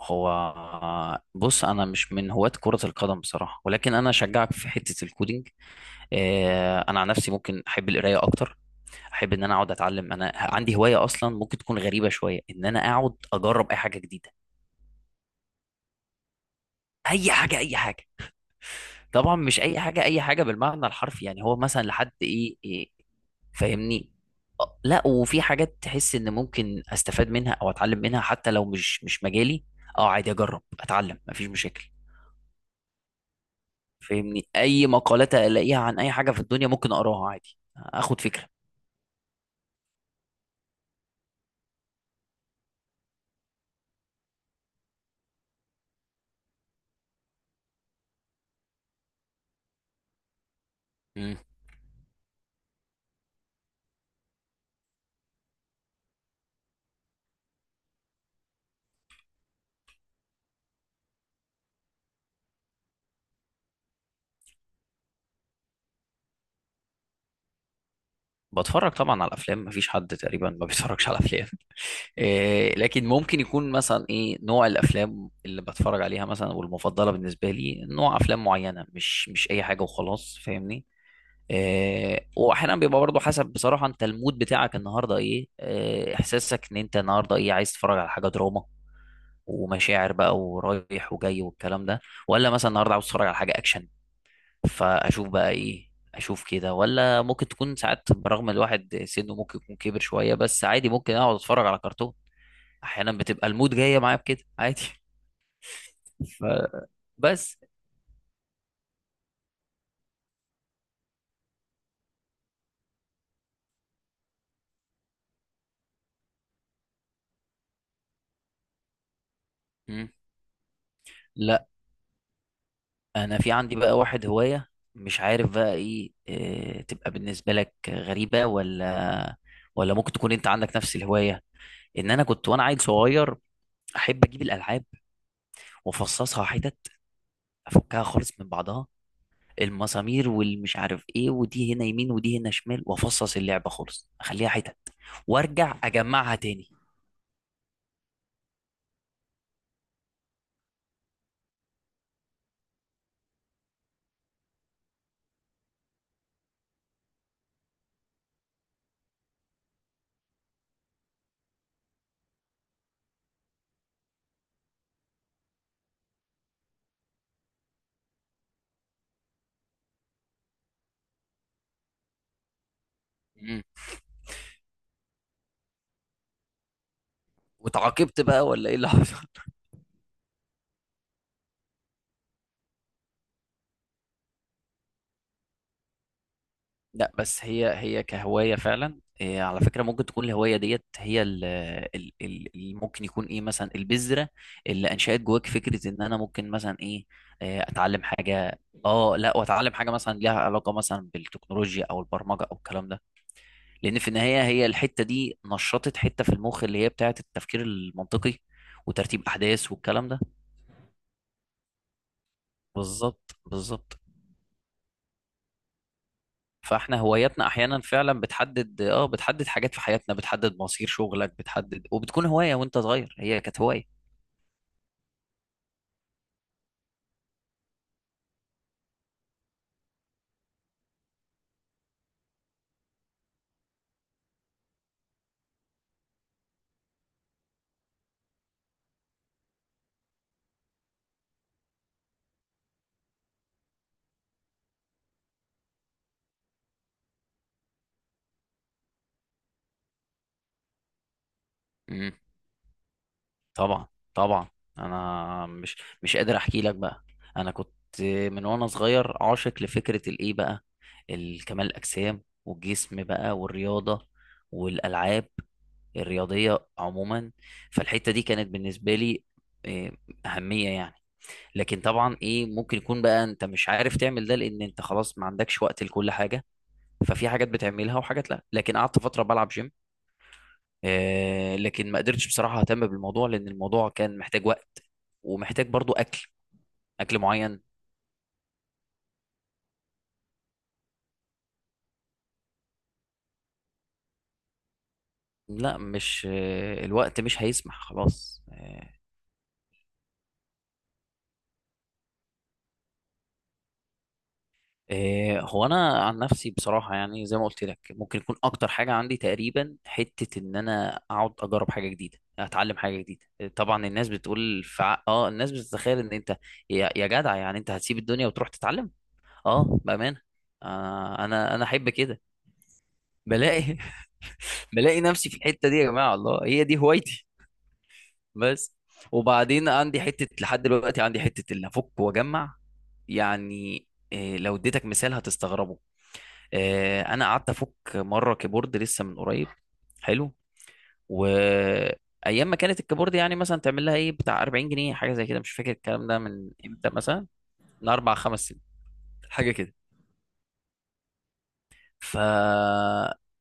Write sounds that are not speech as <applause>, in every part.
هو بص، انا مش من هواة كرة القدم بصراحة، ولكن انا اشجعك في حتة الكودينج. انا عن نفسي ممكن احب القرايه اكتر. احب ان انا اقعد اتعلم. انا عندي هوايه اصلا ممكن تكون غريبه شويه، ان انا اقعد اجرب اي حاجه جديده. اي حاجه اي حاجه. طبعا مش اي حاجه اي حاجه بالمعنى الحرفي، يعني هو مثلا لحد إيه. فاهمني؟ لا، وفي حاجات تحس ان ممكن استفاد منها او اتعلم منها حتى لو مش مجالي. اه عادي اجرب اتعلم، مفيش مشاكل. فاهمني؟ اي مقالات الاقيها عن اي حاجه في الدنيا ممكن اقراها عادي اخد فكره. مم. بتفرج طبعا على الافلام، مفيش حد تقريبا ما بيتفرجش على افلام. <laughs> إيه، لكن ممكن يكون مثلا ايه نوع الافلام اللي بتفرج عليها مثلا، والمفضله بالنسبه لي نوع افلام معينه، مش اي حاجه وخلاص، فاهمني؟ إيه، واحيانا بيبقى برضه حسب بصراحه انت المود بتاعك النهارده إيه، احساسك ان انت النهارده ايه، عايز تتفرج على حاجه دراما ومشاعر بقى ورايح وجاي والكلام ده، ولا مثلا النهارده عاوز تتفرج على حاجه اكشن. فاشوف بقى ايه، اشوف كده. ولا ممكن تكون ساعات برغم الواحد سنه ممكن يكون كبر شويه، بس عادي ممكن اقعد اتفرج على كرتون. احيانا بتبقى المود جايه معايا بكده عادي. <laughs> فبس. مم. لا، انا في عندي بقى واحد هوايه، مش عارف بقى ايه، تبقى بالنسبه لك غريبه ولا ممكن تكون انت عندك نفس الهوايه. ان انا كنت وانا عيل صغير احب اجيب الالعاب، وافصصها حتت، افكها خالص من بعضها، المسامير والمش عارف ايه، ودي هنا يمين ودي هنا شمال، وافصص اللعبه خالص اخليها حتت، وارجع اجمعها تاني. مم. واتعاقبت بقى ولا ايه اللي حصل؟ <laughs> لا، بس هي هي كهوايه فعلا إيه، على فكره ممكن تكون الهوايه ديت هي اللي ممكن يكون ايه مثلا البذره اللي انشات جواك فكره ان انا ممكن مثلا ايه، اتعلم حاجه. اه لا، واتعلم حاجه مثلا ليها علاقه مثلا بالتكنولوجيا او البرمجه او الكلام ده. لان في النهايه هي الحته دي نشطت حته في المخ اللي هي بتاعه التفكير المنطقي، وترتيب احداث والكلام ده. بالظبط بالظبط. فاحنا هواياتنا احيانا فعلا بتحدد، اه بتحدد حاجات في حياتنا، بتحدد مصير شغلك، بتحدد. وبتكون هوايه وانت صغير هي كانت هوايه. طبعا طبعا. انا مش قادر احكي لك بقى. انا كنت من وانا صغير عاشق لفكره الايه بقى، الكمال الاجسام والجسم بقى والرياضه، والالعاب الرياضيه عموما. فالحته دي كانت بالنسبه لي إيه، اهميه يعني. لكن طبعا ايه ممكن يكون بقى انت مش عارف تعمل ده لان انت خلاص ما عندكش وقت لكل حاجه، ففي حاجات بتعملها وحاجات لا. لكن قعدت فتره بلعب جيم، لكن ما قدرتش بصراحة اهتم بالموضوع، لان الموضوع كان محتاج وقت، ومحتاج برضو اكل، اكل معين. لا، مش الوقت مش هيسمح خلاص هو انا عن نفسي بصراحة، يعني زي ما قلت لك ممكن يكون اكتر حاجة عندي تقريبا حتة ان انا اقعد اجرب حاجة جديدة اتعلم حاجة جديدة. طبعا الناس بتقول اه، الناس بتتخيل ان انت يا جدع، يعني انت هتسيب الدنيا وتروح تتعلم. اه بأمانة، انا احب كده. بلاقي بلاقي نفسي في الحته دي. يا جماعه الله هي دي هوايتي. بس. وبعدين عندي حته لحد دلوقتي عندي حته اللي افك واجمع يعني. لو اديتك مثال هتستغربه. انا قعدت افك مره كيبورد لسه من قريب. حلو. وايام ما كانت الكيبورد يعني مثلا تعمل لها ايه بتاع 40 جنيه حاجه زي كده، مش فاكر الكلام ده من امتى، مثلا من اربع خمس سنين حاجه كده. ف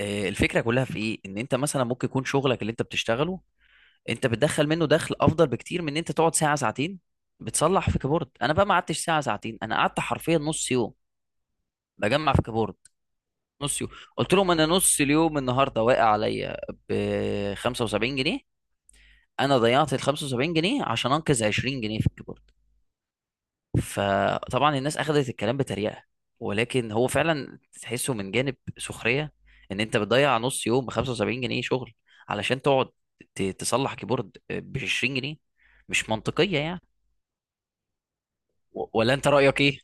الفكره كلها في ايه، ان انت مثلا ممكن يكون شغلك اللي انت بتشتغله انت بتدخل منه دخل افضل بكتير من ان انت تقعد ساعه ساعتين بتصلح في كيبورد. انا بقى ما قعدتش ساعه ساعتين، انا قعدت حرفيا نص يوم بجمع في كيبورد. نص يوم. قلت لهم انا نص اليوم النهارده واقع عليا ب 75 جنيه. انا ضيعت ال 75 جنيه عشان انقذ 20 جنيه في الكيبورد. فطبعا الناس اخذت الكلام بتريقه، ولكن هو فعلا تحسه من جانب سخريه، ان انت بتضيع نص يوم ب 75 جنيه شغل علشان تقعد تصلح كيبورد ب 20 جنيه، مش منطقيه يعني. ولا انت رأيك ايه؟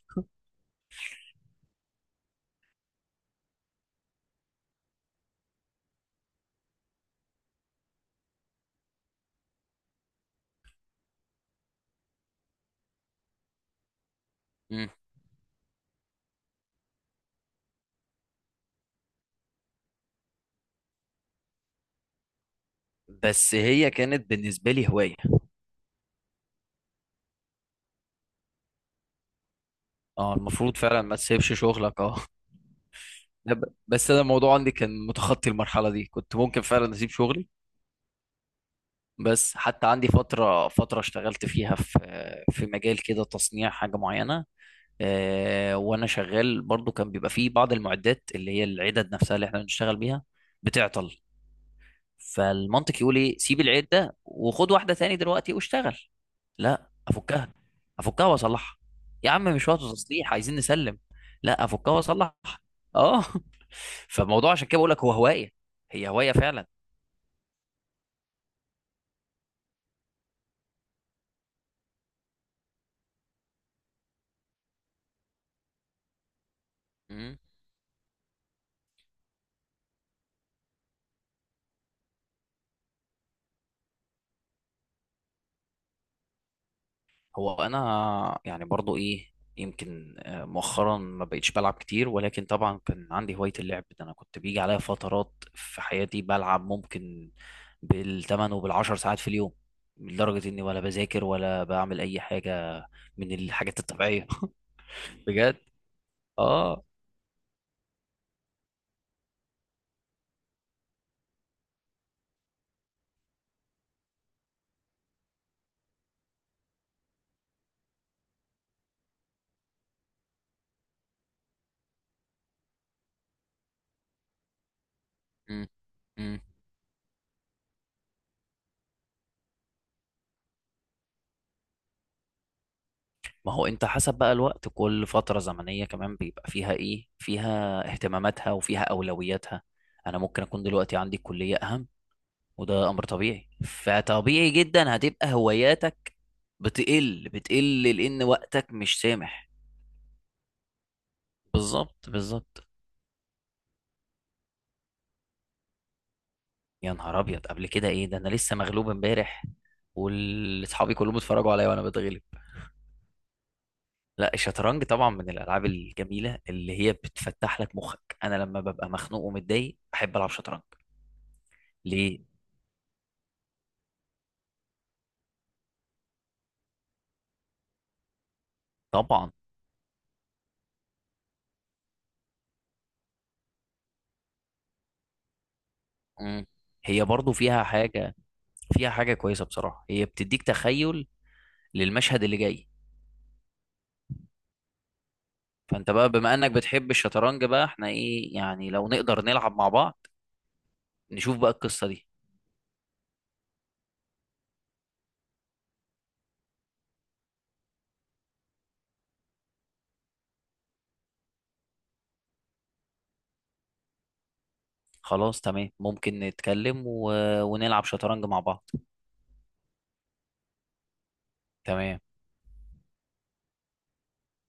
مم. بس هي كانت بالنسبة لي هواية. اه المفروض فعلا ما تسيبش شغلك. اه لا، بس انا الموضوع عندي كان متخطي المرحلة دي، كنت ممكن فعلا اسيب شغلي. بس حتى عندي فترة اشتغلت فيها في مجال كده، تصنيع حاجة معينة. وانا شغال برضو كان بيبقى فيه بعض المعدات اللي هي العدد نفسها اللي احنا بنشتغل بيها بتعطل. فالمنطق يقول ايه، سيب العيب ده وخد واحده تاني دلوقتي واشتغل. لا، افكها. افكها واصلحها. يا عم مش وقت تصليح، عايزين نسلم. لا افكها واصلحها. اه. <laughs> فالموضوع عشان كده بقول لك هو هوايه. هي هوايه فعلا. مم. هو انا يعني برضو ايه، يمكن مؤخرا ما بقيتش بلعب كتير، ولكن طبعا كان عندي هواية اللعب ده. انا كنت بيجي عليا فترات في حياتي بلعب ممكن بالثمان وبالعشر ساعات في اليوم، لدرجة اني ولا بذاكر ولا بعمل اي حاجة من الحاجات الطبيعية. <laughs> بجد؟ اه. مم. مم. ما هو انت حسب بقى الوقت، كل فترة زمنية كمان بيبقى فيها ايه، فيها اهتماماتها وفيها اولوياتها. انا ممكن اكون دلوقتي عندي كلية اهم، وده امر طبيعي. فطبيعي جدا هتبقى هواياتك بتقل لان وقتك مش سامح. بالظبط بالظبط. يا نهار ابيض، قبل كده ايه ده، انا لسه مغلوب امبارح واصحابي كلهم اتفرجوا عليا وانا بتغلب. لا، الشطرنج طبعا من الالعاب الجميله اللي هي بتفتح لك مخك. انا لما ببقى مخنوق ومتضايق بحب العب شطرنج. ليه؟ طبعا. مم. هي برضو فيها حاجه، فيها حاجه كويسه بصراحه، هي بتديك تخيل للمشهد اللي جاي. فانت بقى بما انك بتحب الشطرنج بقى، احنا ايه يعني لو نقدر نلعب مع بعض، نشوف بقى القصة دي. خلاص تمام، ممكن نتكلم ونلعب شطرنج مع بعض. تمام.